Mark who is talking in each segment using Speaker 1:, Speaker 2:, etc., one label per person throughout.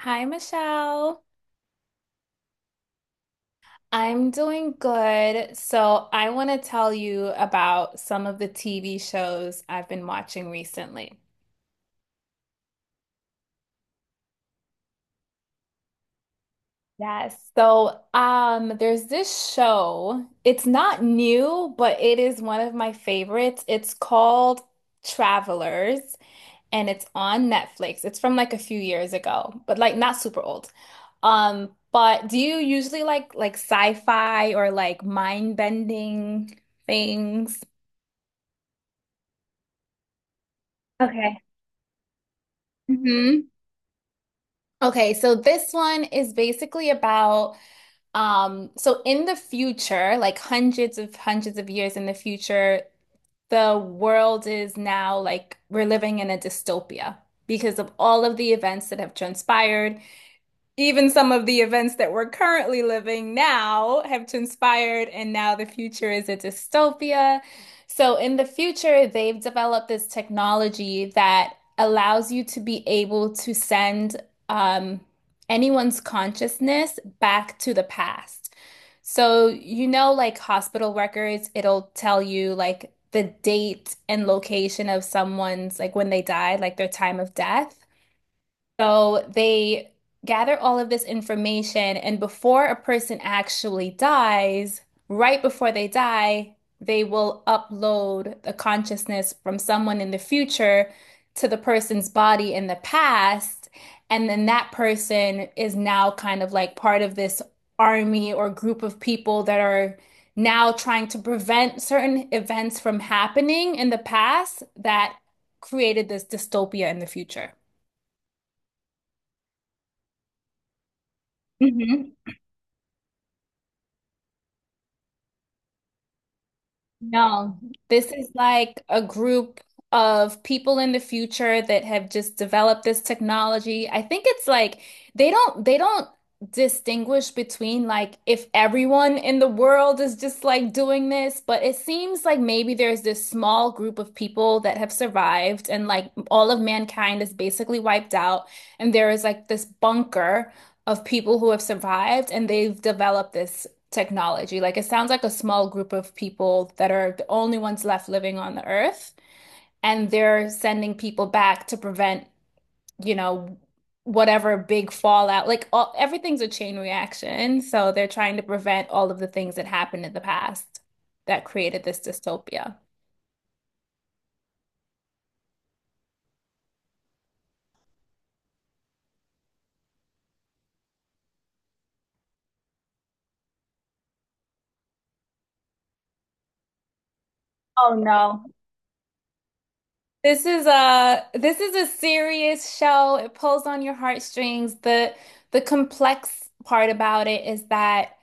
Speaker 1: Hi, Michelle. I'm doing good. So, I want to tell you about some of the TV shows I've been watching recently. Yes. There's this show. It's not new, but it is one of my favorites. It's called Travelers, and it's on Netflix. It's from like a few years ago, but like not super old. But do you usually like sci-fi or like mind-bending things? Okay. hmm Okay, so this one is basically about so in the future, like hundreds of years in the future, the world is now like we're living in a dystopia because of all of the events that have transpired. Even some of the events that we're currently living now have transpired, and now the future is a dystopia. So, in the future, they've developed this technology that allows you to be able to send um, anyone's consciousness back to the past. So, you know, like hospital records, it'll tell you like the date and location of someone's, like when they died, like their time of death. So they gather all of this information, and before a person actually dies, right before they die, they will upload the consciousness from someone in the future to the person's body in the past. And then that person is now kind of like part of this army or group of people that are now trying to prevent certain events from happening in the past that created this dystopia in the future. Mm-hmm. No, this is like a group of people in the future that have just developed this technology. I think it's like they don't distinguish between like if everyone in the world is just like doing this, but it seems like maybe there's this small group of people that have survived and like all of mankind is basically wiped out, and there is like this bunker of people who have survived and they've developed this technology. Like it sounds like a small group of people that are the only ones left living on the earth, and they're sending people back to prevent, you know, whatever big fallout. Like all, everything's a chain reaction, so they're trying to prevent all of the things that happened in the past that created this dystopia. Oh no. This is a serious show. It pulls on your heartstrings. The complex part about it is that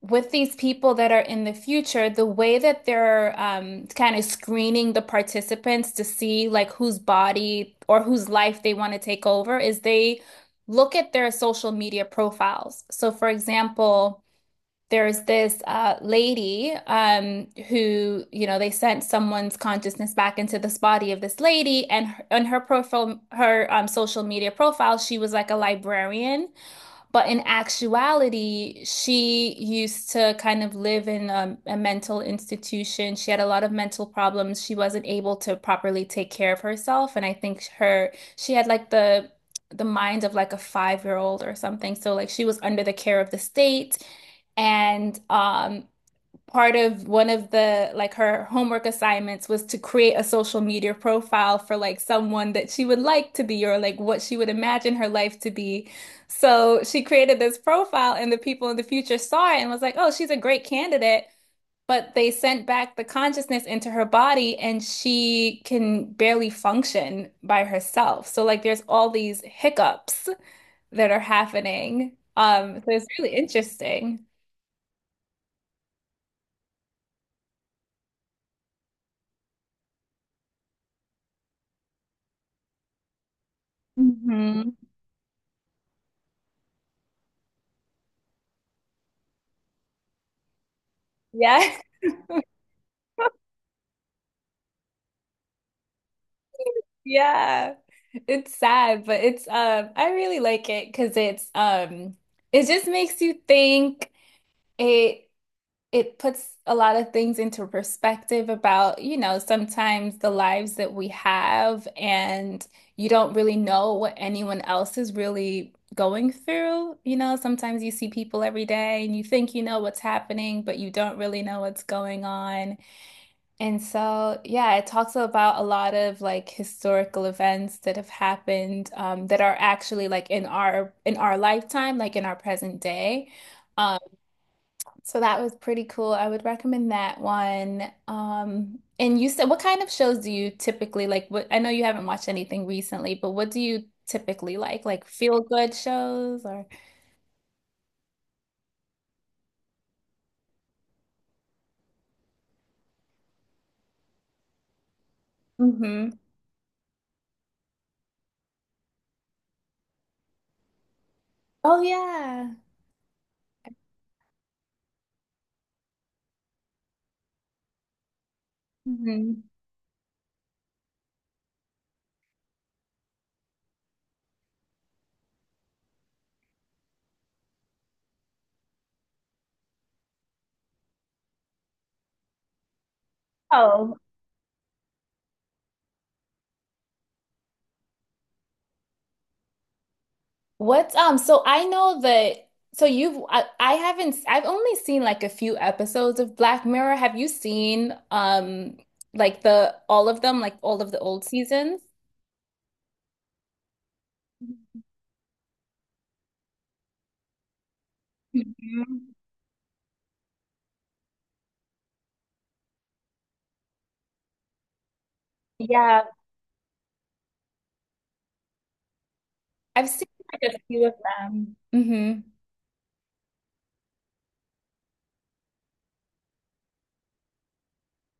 Speaker 1: with these people that are in the future, the way that they're kind of screening the participants to see like whose body or whose life they want to take over is they look at their social media profiles. So, for example, there's this lady who, you know, they sent someone's consciousness back into this body of this lady, and her, on her profile, her social media profile, she was like a librarian. But in actuality, she used to kind of live in a mental institution. She had a lot of mental problems. She wasn't able to properly take care of herself. And I think her, she had like the mind of like a five-year-old or something. So like she was under the care of the state. And Part of one of the like her homework assignments was to create a social media profile for like someone that she would like to be or like what she would imagine her life to be. So she created this profile and the people in the future saw it and was like, "Oh, she's a great candidate." But they sent back the consciousness into her body and she can barely function by herself. So like there's all these hiccups that are happening. So it's really interesting. hmm Yeah. Yeah. It's sad, but it's I really like it because it's it just makes you think. It it puts a lot of things into perspective about, you know, sometimes the lives that we have, and you don't really know what anyone else is really going through. You know, sometimes you see people every day and you think you know what's happening, but you don't really know what's going on. And so, yeah, it talks about a lot of like historical events that have happened that are actually like in our lifetime, like in our present day. Um, so that was pretty cool. I would recommend that one. And you said, what kind of shows do you typically like? What, I know you haven't watched anything recently, but what do you typically like? Like feel good shows or? Hmm Oh yeah. hmm Oh, What's so I know that so you've I haven't I've only seen like a few episodes of Black Mirror. Have you seen like the all of them, like all of the old seasons? Mhm. Yeah, I've seen like a few of them. Mm-hmm.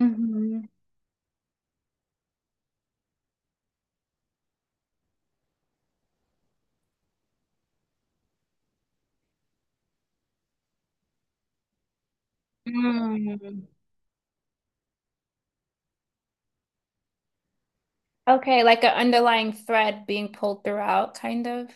Speaker 1: Mm-hmm. Mm. Okay, like an underlying thread being pulled throughout, kind of.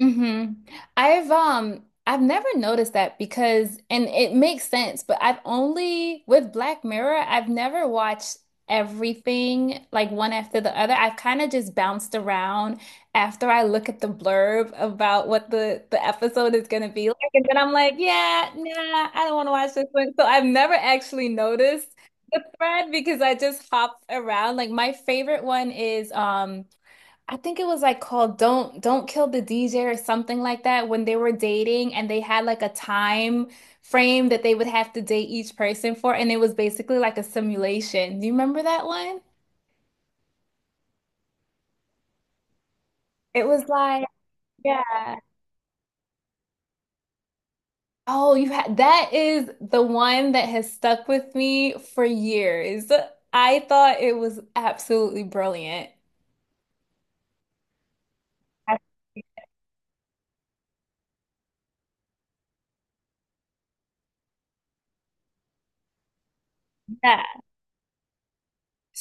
Speaker 1: Hmm I've never noticed that because and it makes sense, but I've only with Black Mirror, I've never watched everything like one after the other. I've kind of just bounced around after I look at the blurb about what the episode is going to be like, and then I'm like, yeah, nah, I don't want to watch this one. So I've never actually noticed the thread because I just hop around. Like my favorite one is. I think it was like called Don't Kill the DJ or something like that when they were dating and they had like a time frame that they would have to date each person for and it was basically like a simulation. Do you remember that one? It was like, yeah. Oh, you had that is the one that has stuck with me for years. I thought it was absolutely brilliant.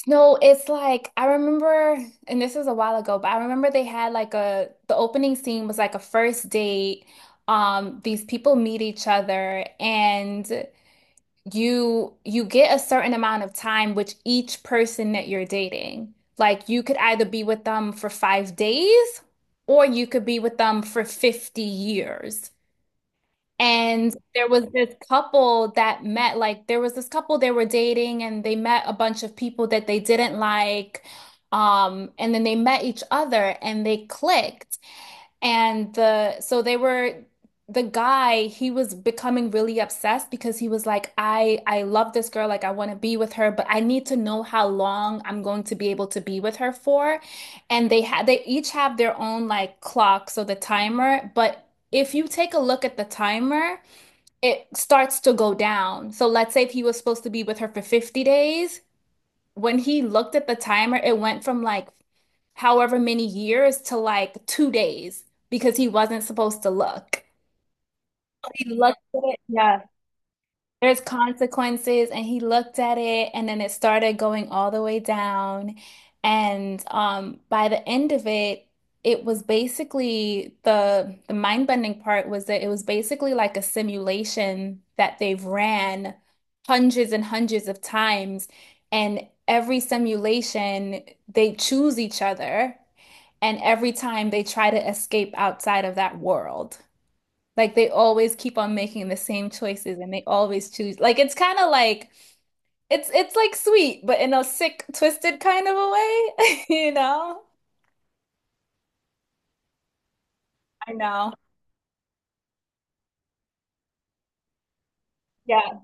Speaker 1: No, it's like I remember, and this was a while ago, but I remember they had like a the opening scene was like a first date. These people meet each other and you get a certain amount of time with each person that you're dating. Like you could either be with them for 5 days or you could be with them for 50 years. And there was this couple that met, like, there was this couple they were dating, and they met a bunch of people that they didn't like. And then they met each other and they clicked. And the, so they were, the guy, he was becoming really obsessed because he was like, I love this girl. Like, I want to be with her, but I need to know how long I'm going to be able to be with her for. And they had, they each have their own like clock. So the timer, but if you take a look at the timer, it starts to go down. So let's say if he was supposed to be with her for 50 days, when he looked at the timer, it went from like however many years to like 2 days because he wasn't supposed to look. He looked at it, yeah. There's consequences, and he looked at it, and then it started going all the way down. And By the end of it, it was basically the mind-bending part was that it was basically like a simulation that they've ran hundreds and hundreds of times, and every simulation they choose each other, and every time they try to escape outside of that world. Like they always keep on making the same choices and they always choose. Like it's kind of like it's like sweet, but in a sick, twisted kind of a way, you know? I know. Yeah,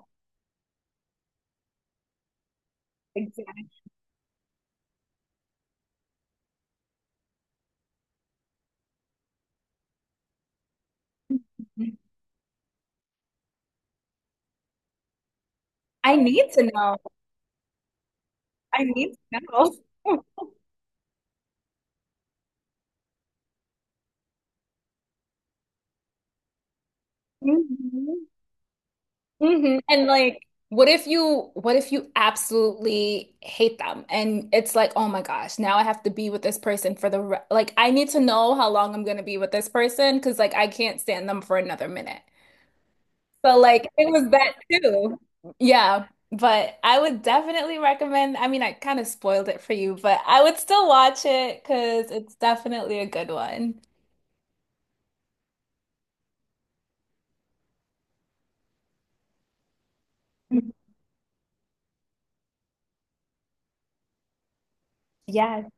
Speaker 1: exactly. I need to know. I need to know. Mhm. Mhm. And like, what if you absolutely hate them and it's like, oh my gosh, now I have to be with this person for the re like I need to know how long I'm gonna be with this person because like I can't stand them for another minute. So like it was that too. Yeah. But I would definitely recommend, I mean, I kind of spoiled it for you, but I would still watch it because it's definitely a good one. Mhm. Yes.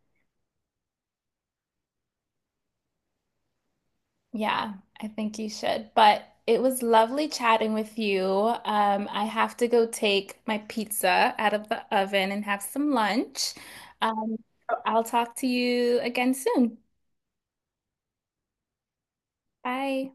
Speaker 1: Yeah, I think you should. But it was lovely chatting with you. I have to go take my pizza out of the oven and have some lunch. Um, so I'll talk to you again soon. Bye.